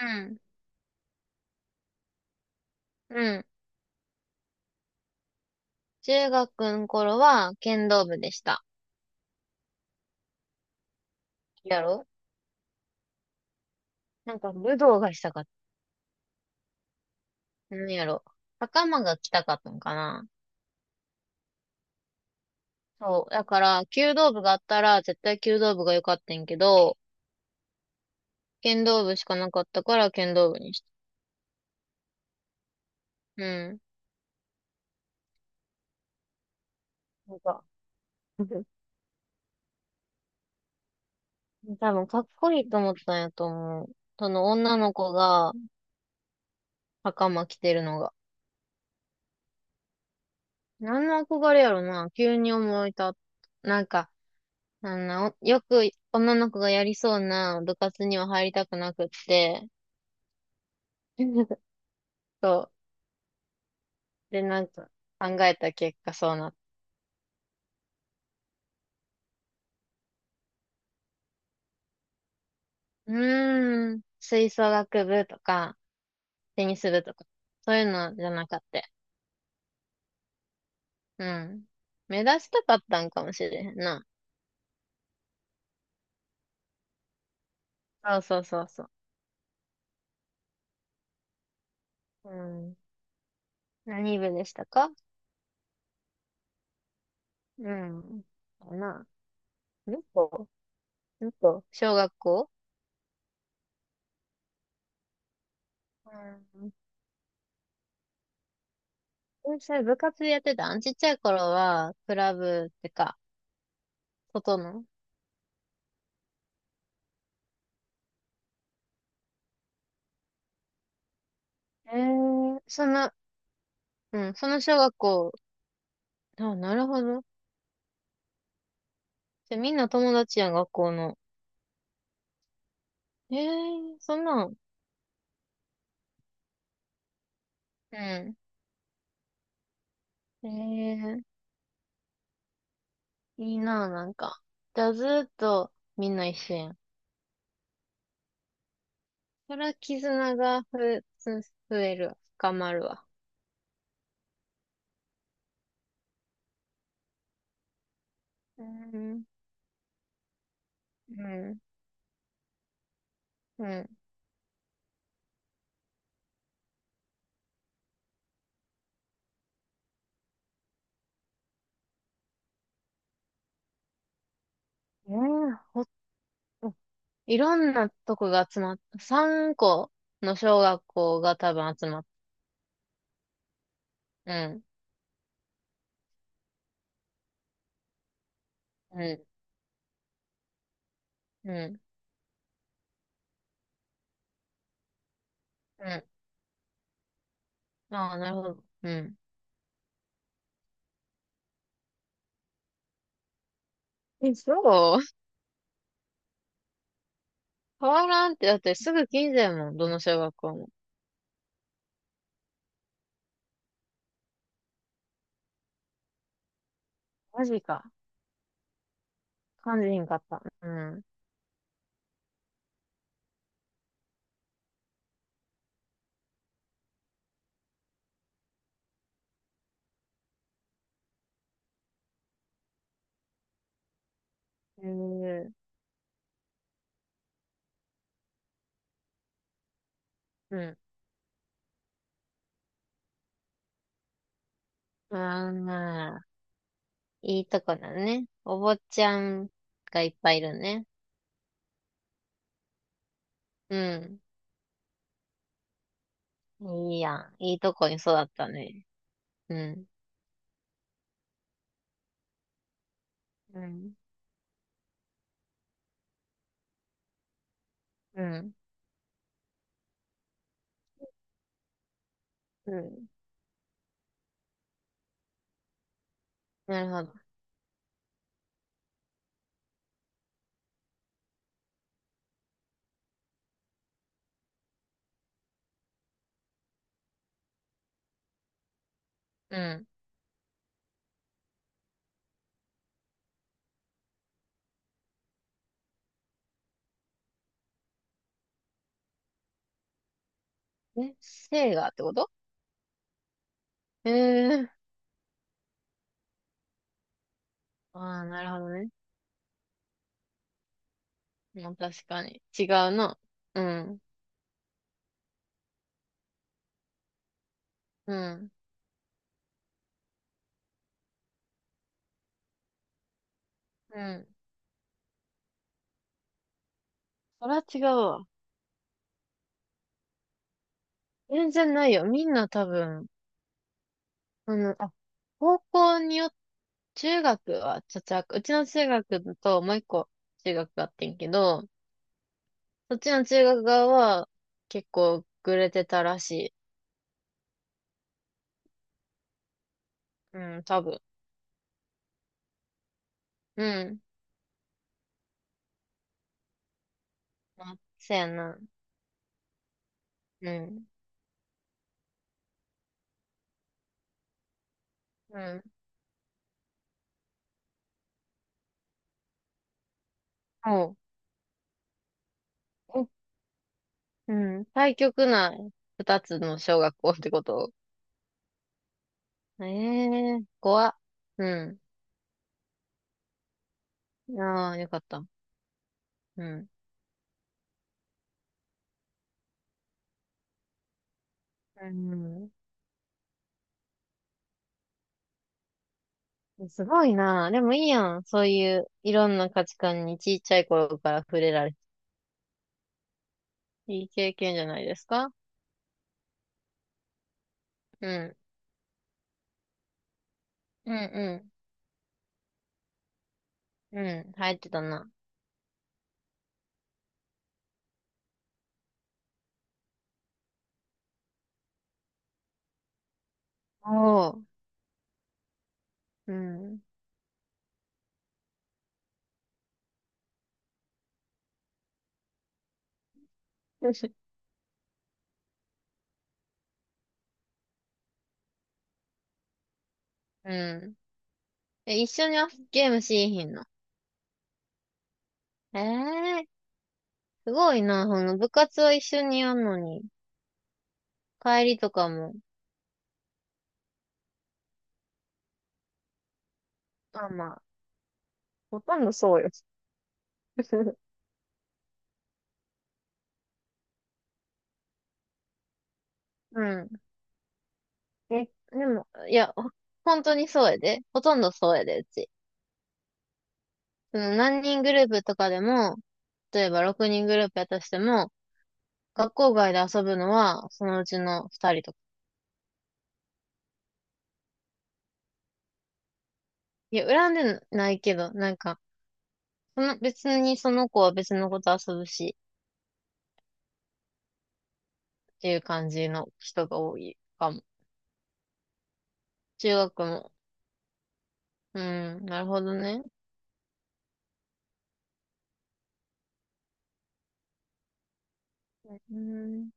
うん。うん。中学の頃は剣道部でした。やろ、なんか武道がしたかった。なんやろ、袴が着たかったのかな。そう。だから、弓道部があったら絶対弓道部が良かったんやけど、剣道部しかなかったから剣道部にした。うん。なんか、多分かっこいいと思ったんやと思う。その女の子が袴着てるのが。何の憧れやろな、急に思い立った。なんか、よく女の子がやりそうな部活には入りたくなくって、そう。で、なんか考えた結果そうなった。うーん、吹奏楽部とか、テニス部とか、そういうのじゃなかった。うん。目指したかったんかもしれへんな。そうそうそうそう。うん。何部でしたか？うん。かな。どこどこ小学校？うん。それ部活でやってたん？ちっちゃい頃は、クラブってか、ことの。えー、その、うん、その小学校。あ、なるほど。じゃ、みんな友達やん、学校の。えー、そんなん。うん。えー、いいな、なんか。じゃあ、ずーっとみんな一緒やん。そら、絆が増えるわ。深まるわ。うん、うん、うん。ー、ほ、いろんなとこが集まった。3個の小学校が多分集まった。うん、うん、うん、うん。ああ、なるほど。うん。え、そう、変わらんって、だってすぐ近所やもん、どの小学校も。マジか。感じひんかった？うん。へえ。うん。まあまあ、いいとこだね。お坊ちゃんがいっぱいいるね。うん。いいやん。いいとこに育ったね。うん。うん。うん。うん。なるほど。うん。え、性がってこと？へえ。ああー、なるほどね。まあ確かに。違うな。うん。うん。うん。それは違うわ。全然ないよ。みんな多分、あの、あ、高校によって、中学は茶々学、うちの中学ともう一個中学があってんけど、そっちの中学側は結構グレてたらしい。うん、多分。うん。まあ、せやな。うん。うん。もう、え、うん。対極な二つの小学校ってこと？ええー、怖っ。うん。ああ、よかった。うん。うん。すごいな。でもいいやん。そういう、いろんな価値観にちっちゃい頃から触れられて。いい経験じゃないですか？うん。うんうん。うん。入ってたな。おー。うん。うん。え、一緒にゲームしーひんの？ええー、すごいな。その部活は一緒にやんのに、帰りとかも。まあまあ、ほとんどそうよ。うん。え、でも、いや、本当にそうやで。ほとんどそうやで、うち。その何人グループとかでも、例えば6人グループやったとしても、学校外で遊ぶのはそのうちの2人とか。いや、恨んでないけど、なんか、その別にその子は別の子と遊ぶし、っていう感じの人が多いかも。中学も。うん、なるほどね。うん。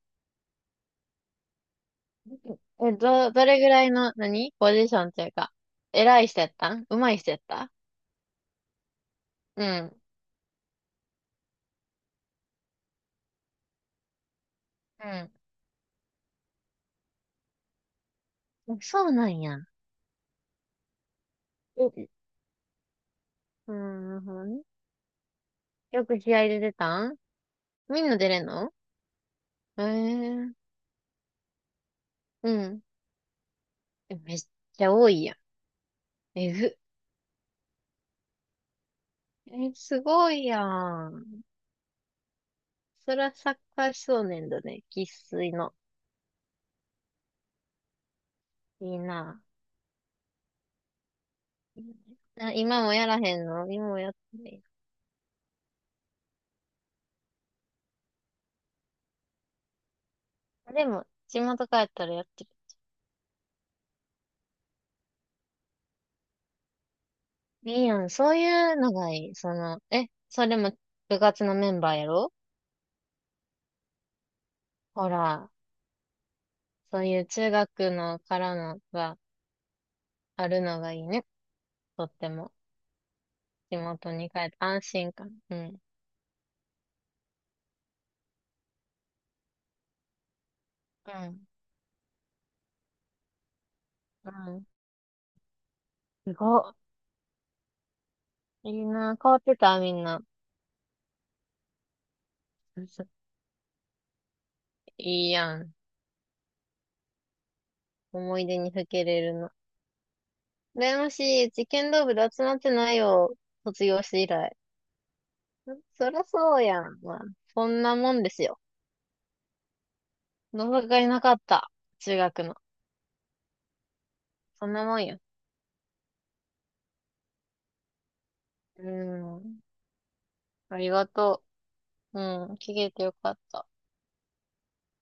え、どれぐらいの、何ポジションというか、偉い人やったん？上手い人やった？うん。うん。そうなんや。え、うん、なるほどね。よく試合で出たん？みんな出れんの？えー、うん。え、めっちゃ多いやん。えぐ。え、すごいやん。そらサッカー少年だね。生粋の。いいな。いいね。あ、今もやらへんの？今もやってない？あ、でも、地元帰ったらやってる。いいやん。そういうのがいい。その、え、それも部活のメンバーやろ？ほら、そういう中学のからのがあるのがいいね。とっても。地元に帰って安心感。うん。うん。すごい。いいな。変わってた、みんな？いいやん。思い出にふけれるの。羨ましい。うち剣道部で集まってないよ。卒業して以来。そりゃそうやん。まあ、そんなもんですよ。同窓会なかった。中学の。そんなもんよ。うん。ありがとう。うん。聞けてよかった。